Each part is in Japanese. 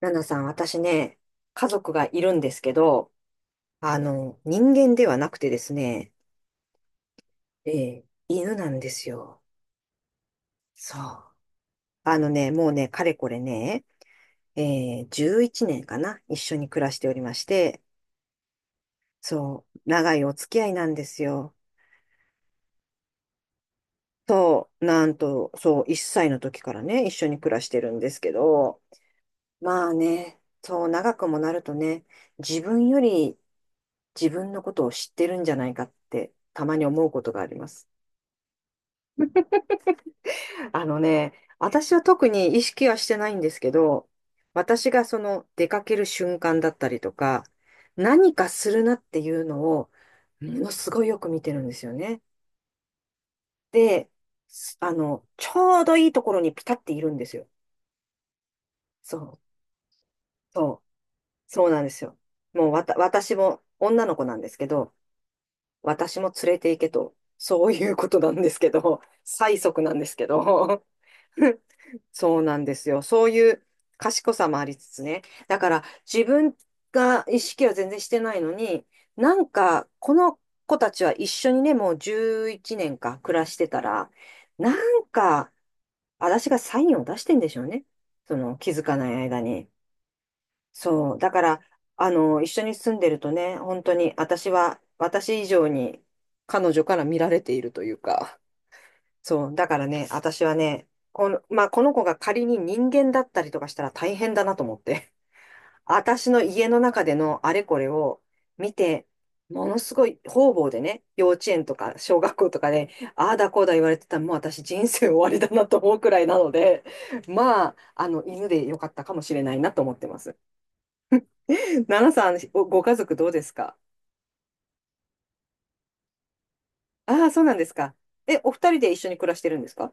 ナナさん、私ね、家族がいるんですけど、人間ではなくてですね、え犬なんですよ。そう。あのね、もうね、かれこれね、え11年かな、一緒に暮らしておりまして、そう、長いお付き合いなんですよ。そう、なんと、そう、1歳の時からね、一緒に暮らしてるんですけど、まあね、そう、長くもなるとね、自分より自分のことを知ってるんじゃないかって、たまに思うことがあります。あのね、私は特に意識はしてないんですけど、私がその出かける瞬間だったりとか、何かするなっていうのを、ものすごいよく見てるんですよね。で、すあの、ちょうどいいところにピタっているんですよ。そう、そう、そうなんですよ。もう私も女の子なんですけど、私も連れて行けと、そういうことなんですけど、催促なんですけど、そうなんですよ。そういう賢さもありつつね。だから自分が意識は全然してないのに、なんかこの子たちは一緒にね、もう11年か暮らしてたら、なんか私がサインを出してんでしょうね。その気づかない間に。そう。だから、一緒に住んでるとね、本当に私は、私以上に彼女から見られているというか。そう。だからね、私はね、この、まあ、この子が仮に人間だったりとかしたら大変だなと思って。私の家の中でのあれこれを見て、ものすごい方々でね、幼稚園とか小学校とかで、ああだこうだ言われてたら、もう私人生終わりだなと思うくらいなので、まあ、犬でよかったかもしれないなと思ってます。奈々さん、ご家族どうですか？ああそうなんですか。え、お二人で一緒に暮らしてるんですか？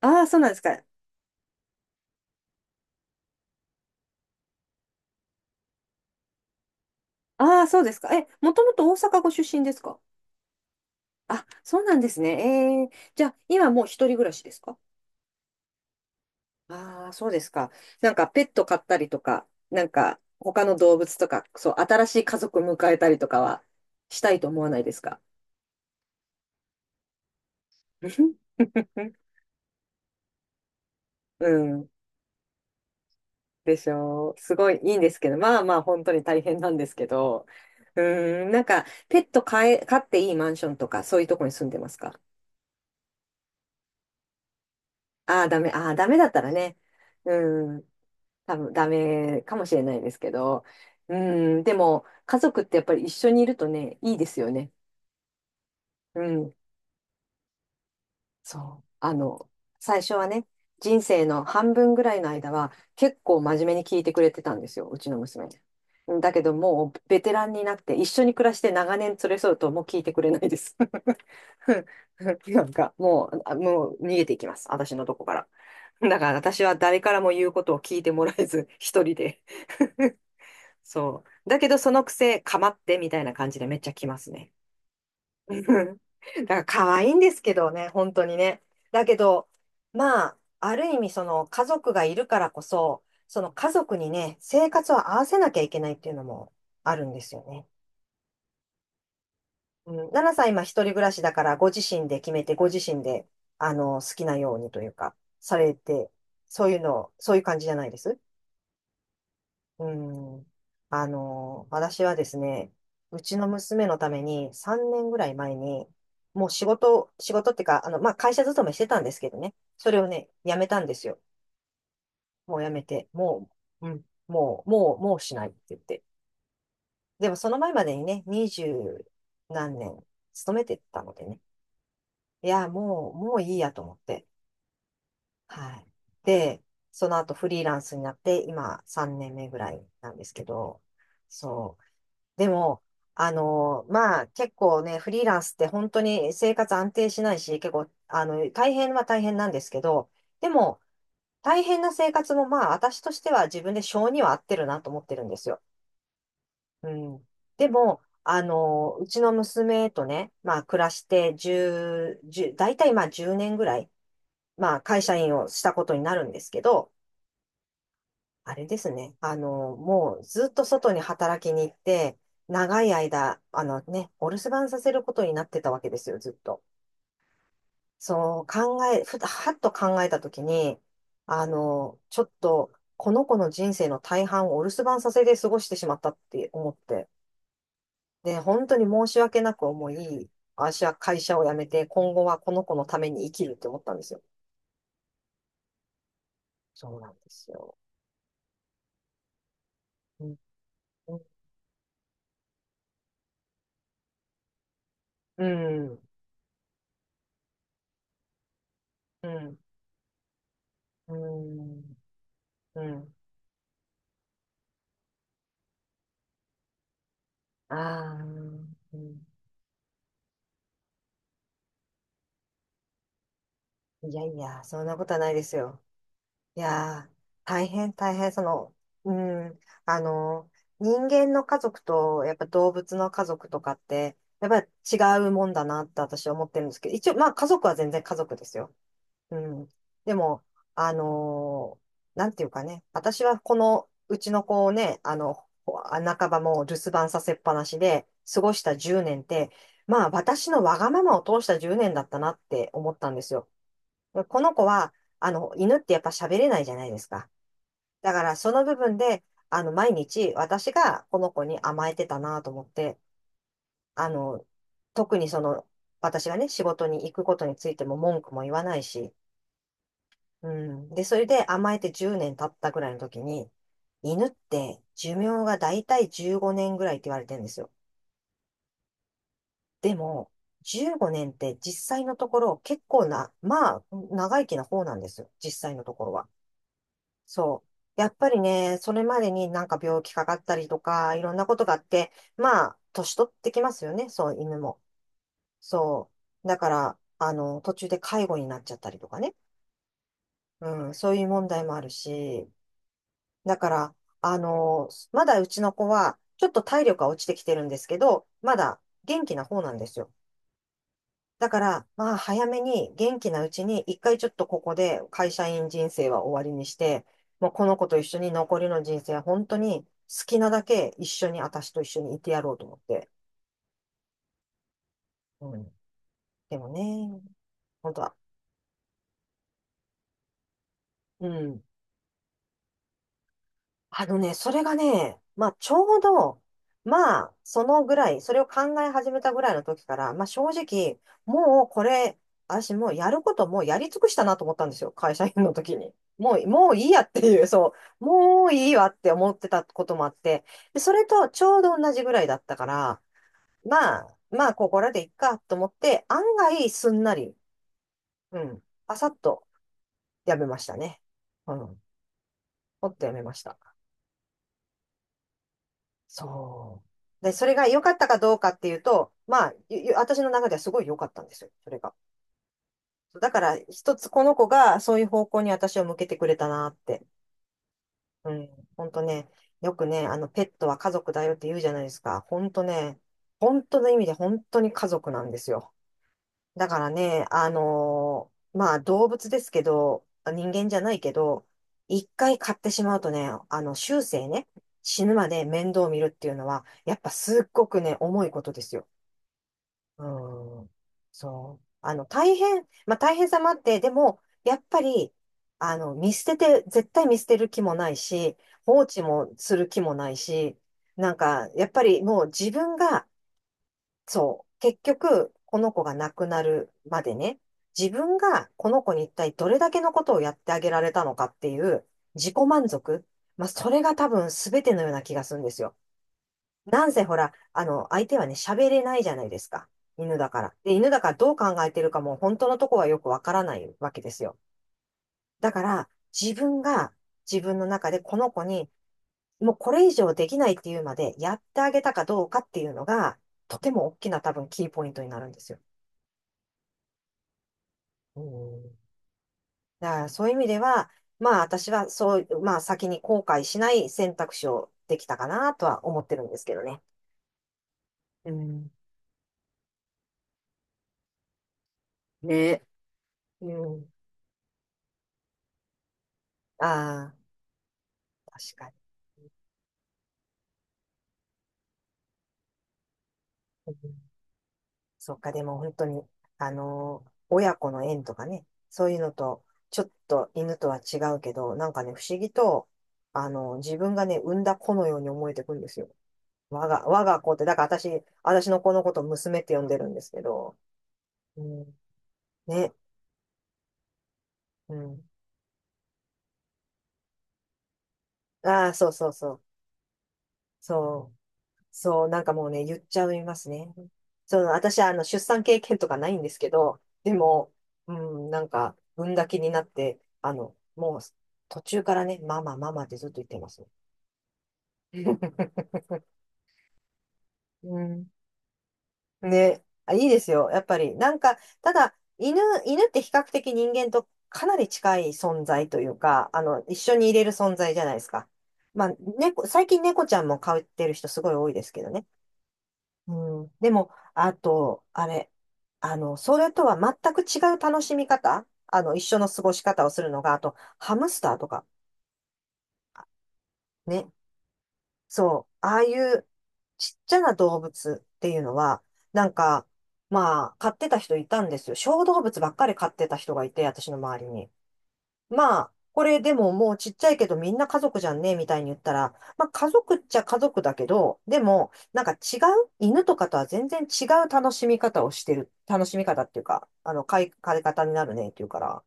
ああそうなんですか。ああ、そうですか。え、もともと大阪ご出身ですか？あ、そうなんですね。ええ、じゃあ、今もう一人暮らしですか？ああそうですか。なんか、ペット飼ったりとか、なんか、他の動物とか、そう、新しい家族迎えたりとかは、したいと思わないですか？ うん。でしょう。すごいいいんですけど、まあまあ、本当に大変なんですけど。うん、なんか、ペット飼っていいマンションとか、そういうとこに住んでますか？ああー、ダメ。ああ、ダメだったらね。うん。多分ダメかもしれないですけど、うん、でも家族ってやっぱり一緒にいるとね、いいですよね。うん、そう。最初はね、人生の半分ぐらいの間は結構真面目に聞いてくれてたんですよ、うちの娘。だけどもうベテランになって一緒に暮らして長年連れ添うともう聞いてくれないです。なんかもう、もう逃げていきます、私のとこから。だから私は誰からも言うことを聞いてもらえず、一人でそう。だけど、そのくせ、かまってみたいな感じでめっちゃ来ますね。うん。だから可愛いんですけどね、本当にね。だけど、まあ、ある意味その家族がいるからこそ、その家族にね、生活を合わせなきゃいけないっていうのもあるんですよね。うん、奈々さん今一人暮らしだからご自身で決めて、ご自身で、好きなようにというか、されて、そういうの、そういう感じじゃないです？うん。私はですね、うちの娘のために3年ぐらい前に、もう仕事、仕事っていうか、まあ、会社勤めしてたんですけどね、それをね、辞めたんですよ。もう辞めて、もう、うん、もう、もう、もうしないって言って。でもその前までにね、二十何年勤めてたのでね、いや、もう、もういいやと思って。はい。で、その後フリーランスになって、今3年目ぐらいなんですけど、そう。でも、まあ、結構ね、フリーランスって本当に生活安定しないし、結構、大変は大変なんですけど、でも、大変な生活もまあ、私としては自分で性には合ってるなと思ってるんですよ。うん。でも、うちの娘とね、まあ、暮らして10、10、大体まあ10年ぐらい、まあ、会社員をしたことになるんですけど、あれですね。もうずっと外に働きに行って、長い間、あのね、お留守番させることになってたわけですよ、ずっと。そう考え、ふはっと考えたときに、ちょっと、この子の人生の大半をお留守番させて過ごしてしまったって思って。で、本当に申し訳なく思い、私は会社を辞めて、今後はこの子のために生きるって思ったんですよ。そうなんですよ。うん、うん、うん、うん、うん。ああ、うん、いやいや、そんなことはないですよ。いやー、大変大変、うん、あの、人間の家族と、やっぱ動物の家族とかって、やっぱり違うもんだなって私は思ってるんですけど、一応、まあ家族は全然家族ですよ。うん。でも、あのーなんていうかね、私はこの、うちの子をね、半ばもう留守番させっぱなしで過ごした10年って、まあ私のわがままを通した10年だったなって思ったんですよ。この子は、犬ってやっぱ喋れないじゃないですか。だからその部分で、毎日私がこの子に甘えてたなと思って、あの、特に私がね、仕事に行くことについても文句も言わないし、うん。で、それで甘えて10年経ったぐらいの時に、犬って寿命がだいたい15年ぐらいって言われてるんですよ。でも、15年って実際のところ結構な、まあ、長生きな方なんですよ。実際のところは。そう。やっぱりね、それまでになんか病気かかったりとか、いろんなことがあって、まあ、年取ってきますよね。そう、犬も。そう。だから、途中で介護になっちゃったりとかね。うん、そういう問題もあるし、だから、まだうちの子は、ちょっと体力が落ちてきてるんですけど、まだ元気な方なんですよ。だから、まあ、早めに元気なうちに、一回ちょっとここで会社員人生は終わりにして、もうこの子と一緒に残りの人生は本当に好きなだけ一緒に、私と一緒にいてやろうと思って。うん。でもね、本当は、うん。あのね、それがね、まあ、ちょうど、まあ、そのぐらい、それを考え始めたぐらいの時から、まあ、正直、もうこれ、私もうやることもうやり尽くしたなと思ったんですよ。会社員の時に。もう、もういいやっていう、そう、もういいわって思ってたこともあって、で、それとちょうど同じぐらいだったから、まあ、まあ、ここらでいっかと思って、案外すんなり、うん、パサッとやめましたね。うん、ほっとやめました。そう。で、それが良かったかどうかっていうと、まあ、私の中ではすごい良かったんですよ、それが。だから、一つこの子がそういう方向に私を向けてくれたなって。うん、本当ね、よくね、ペットは家族だよって言うじゃないですか。本当ね、本当の意味で本当に家族なんですよ。だからね、まあ動物ですけど、人間じゃないけど、一回買ってしまうとね、あの、終生ね、死ぬまで面倒を見るっていうのは、やっぱすっごくね、重いことですよ。うん。そう。あの、大変、まあ大変さもあって、でも、やっぱり、あの、見捨てて、絶対見捨てる気もないし、放置もする気もないし、なんか、やっぱりもう自分がそう。結局、この子が亡くなるまでね、自分がこの子に一体どれだけのことをやってあげられたのかっていう自己満足。まあ、それが多分全てのような気がするんですよ。なんせほら、あの、相手はね、喋れないじゃないですか。犬だから。で、犬だからどう考えてるかも本当のとこはよくわからないわけですよ。だから、自分が自分の中でこの子に、もうこれ以上できないっていうまでやってあげたかどうかっていうのが、とても大きな多分キーポイントになるんですよ。うん。だからそういう意味では、まあ私はそう、まあ先に後悔しない選択肢をできたかなとは思ってるんですけどね。うん。ね。うん。ああ、確かに。うん。そっか、でも本当に、親子の縁とかね、そういうのと、ちょっと犬とは違うけど、なんかね、不思議と、自分がね、産んだ子のように思えてくるんですよ。我が子って、だから私の子のことを娘って呼んでるんですけど、うん、ね、うん。ああ、そうそうそう。そう。そう、なんかもうね、言っちゃいますね。その、私はあの、出産経験とかないんですけど、でも、うん、なんか、産んだ気になって、あの、もう、途中からね、ママ、ママってずっと言ってます。うん。ね、あ、いいですよ。やっぱり、なんか、ただ、犬って比較的人間とかなり近い存在というか、あの、一緒にいれる存在じゃないですか。まあ、猫、最近猫ちゃんも飼ってる人すごい多いですけどね。うん、でも、あと、あれ、あの、それとは全く違う楽しみ方、あの、一緒の過ごし方をするのが、あと、ハムスターとか、ね。そう、ああいうちっちゃな動物っていうのは、なんか、まあ、飼ってた人いたんですよ。小動物ばっかり飼ってた人がいて、私の周りに。まあ、これでももうちっちゃいけどみんな家族じゃんね、みたいに言ったら、まあ家族っちゃ家族だけど、でも、なんか違う、犬とかとは全然違う楽しみ方をしてる、楽しみ方っていうか、あの、飼い方になるねっていうから、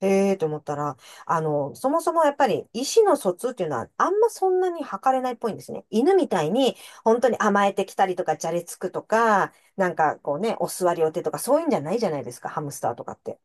へえと思ったら、あの、そもそもやっぱり意思の疎通っていうのはあんまそんなに測れないっぽいんですね。犬みたいに本当に甘えてきたりとか、じゃれつくとか、なんかこうね、お座りお手とかそういうんじゃないじゃないですか、ハムスターとかって。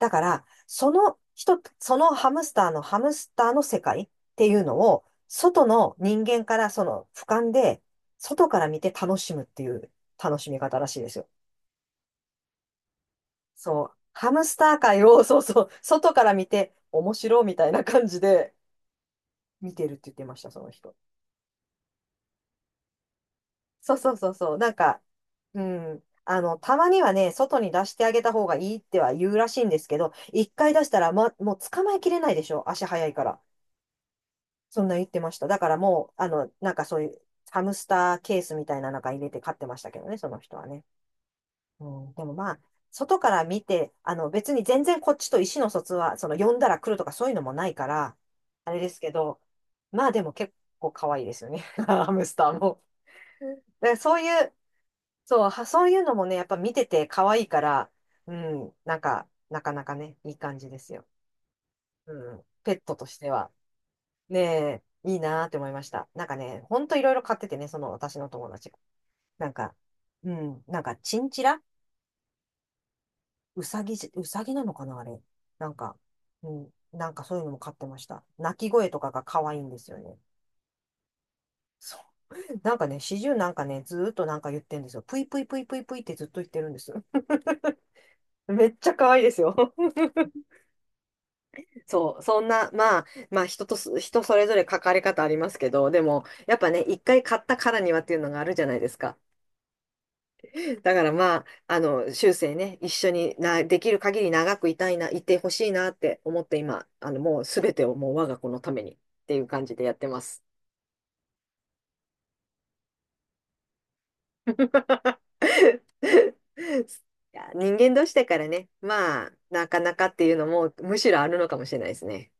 だから、その人、そのハムスターの世界っていうのを、外の人間からその俯瞰で、外から見て楽しむっていう楽しみ方らしいですよ。そう。ハムスター界を、そうそう、外から見て面白いみたいな感じで見てるって言ってました、その人。そうそうそうそう。なんか、うん。あの、たまにはね、外に出してあげた方がいいっては言うらしいんですけど、一回出したら、ま、もう捕まえきれないでしょ、足早いから。そんな言ってました。だからもう、あの、なんかそういうハムスターケースみたいな中入れて飼ってましたけどね、その人はね。うん、でもまあ、外から見て、あの別に全然こっちと意思の疎通は、その呼んだら来るとかそういうのもないから、あれですけど、まあでも結構可愛いですよね、ハムスターも。で、そういう、そう、はそういうのもね、やっぱ見てて可愛いから、うん、なんか、なかなかね、いい感じですよ。うん、ペットとしては。ねえ、いいなーって思いました。なんかね、ほんといろいろ買っててね、その私の友達が。なんか、うん、なんかチンチラうさぎなのかなあれ。なんか、うん、なんかそういうのも買ってました。鳴き声とかが可愛いんですよね。そう。なんかね、始終なんかね、ずーっとなんか言ってんですよ。ぷいぷいぷいぷいぷいってずっと言ってるんです。めっちゃ可愛いですよ。そう、そんな、まあ、まあ人とす、人それぞれ書かれ方ありますけど、でも、やっぱね、一回買ったからにはっていうのがあるじゃないですか。だからまあ、あの、終生ね、一緒にな、できる限り長くいたいな、いてほしいなって思って今、あの、もうすべてをもう我が子のためにっていう感じでやってます。いや、人間同士だからね、まあ、なかなかっていうのも、むしろあるのかもしれないですね。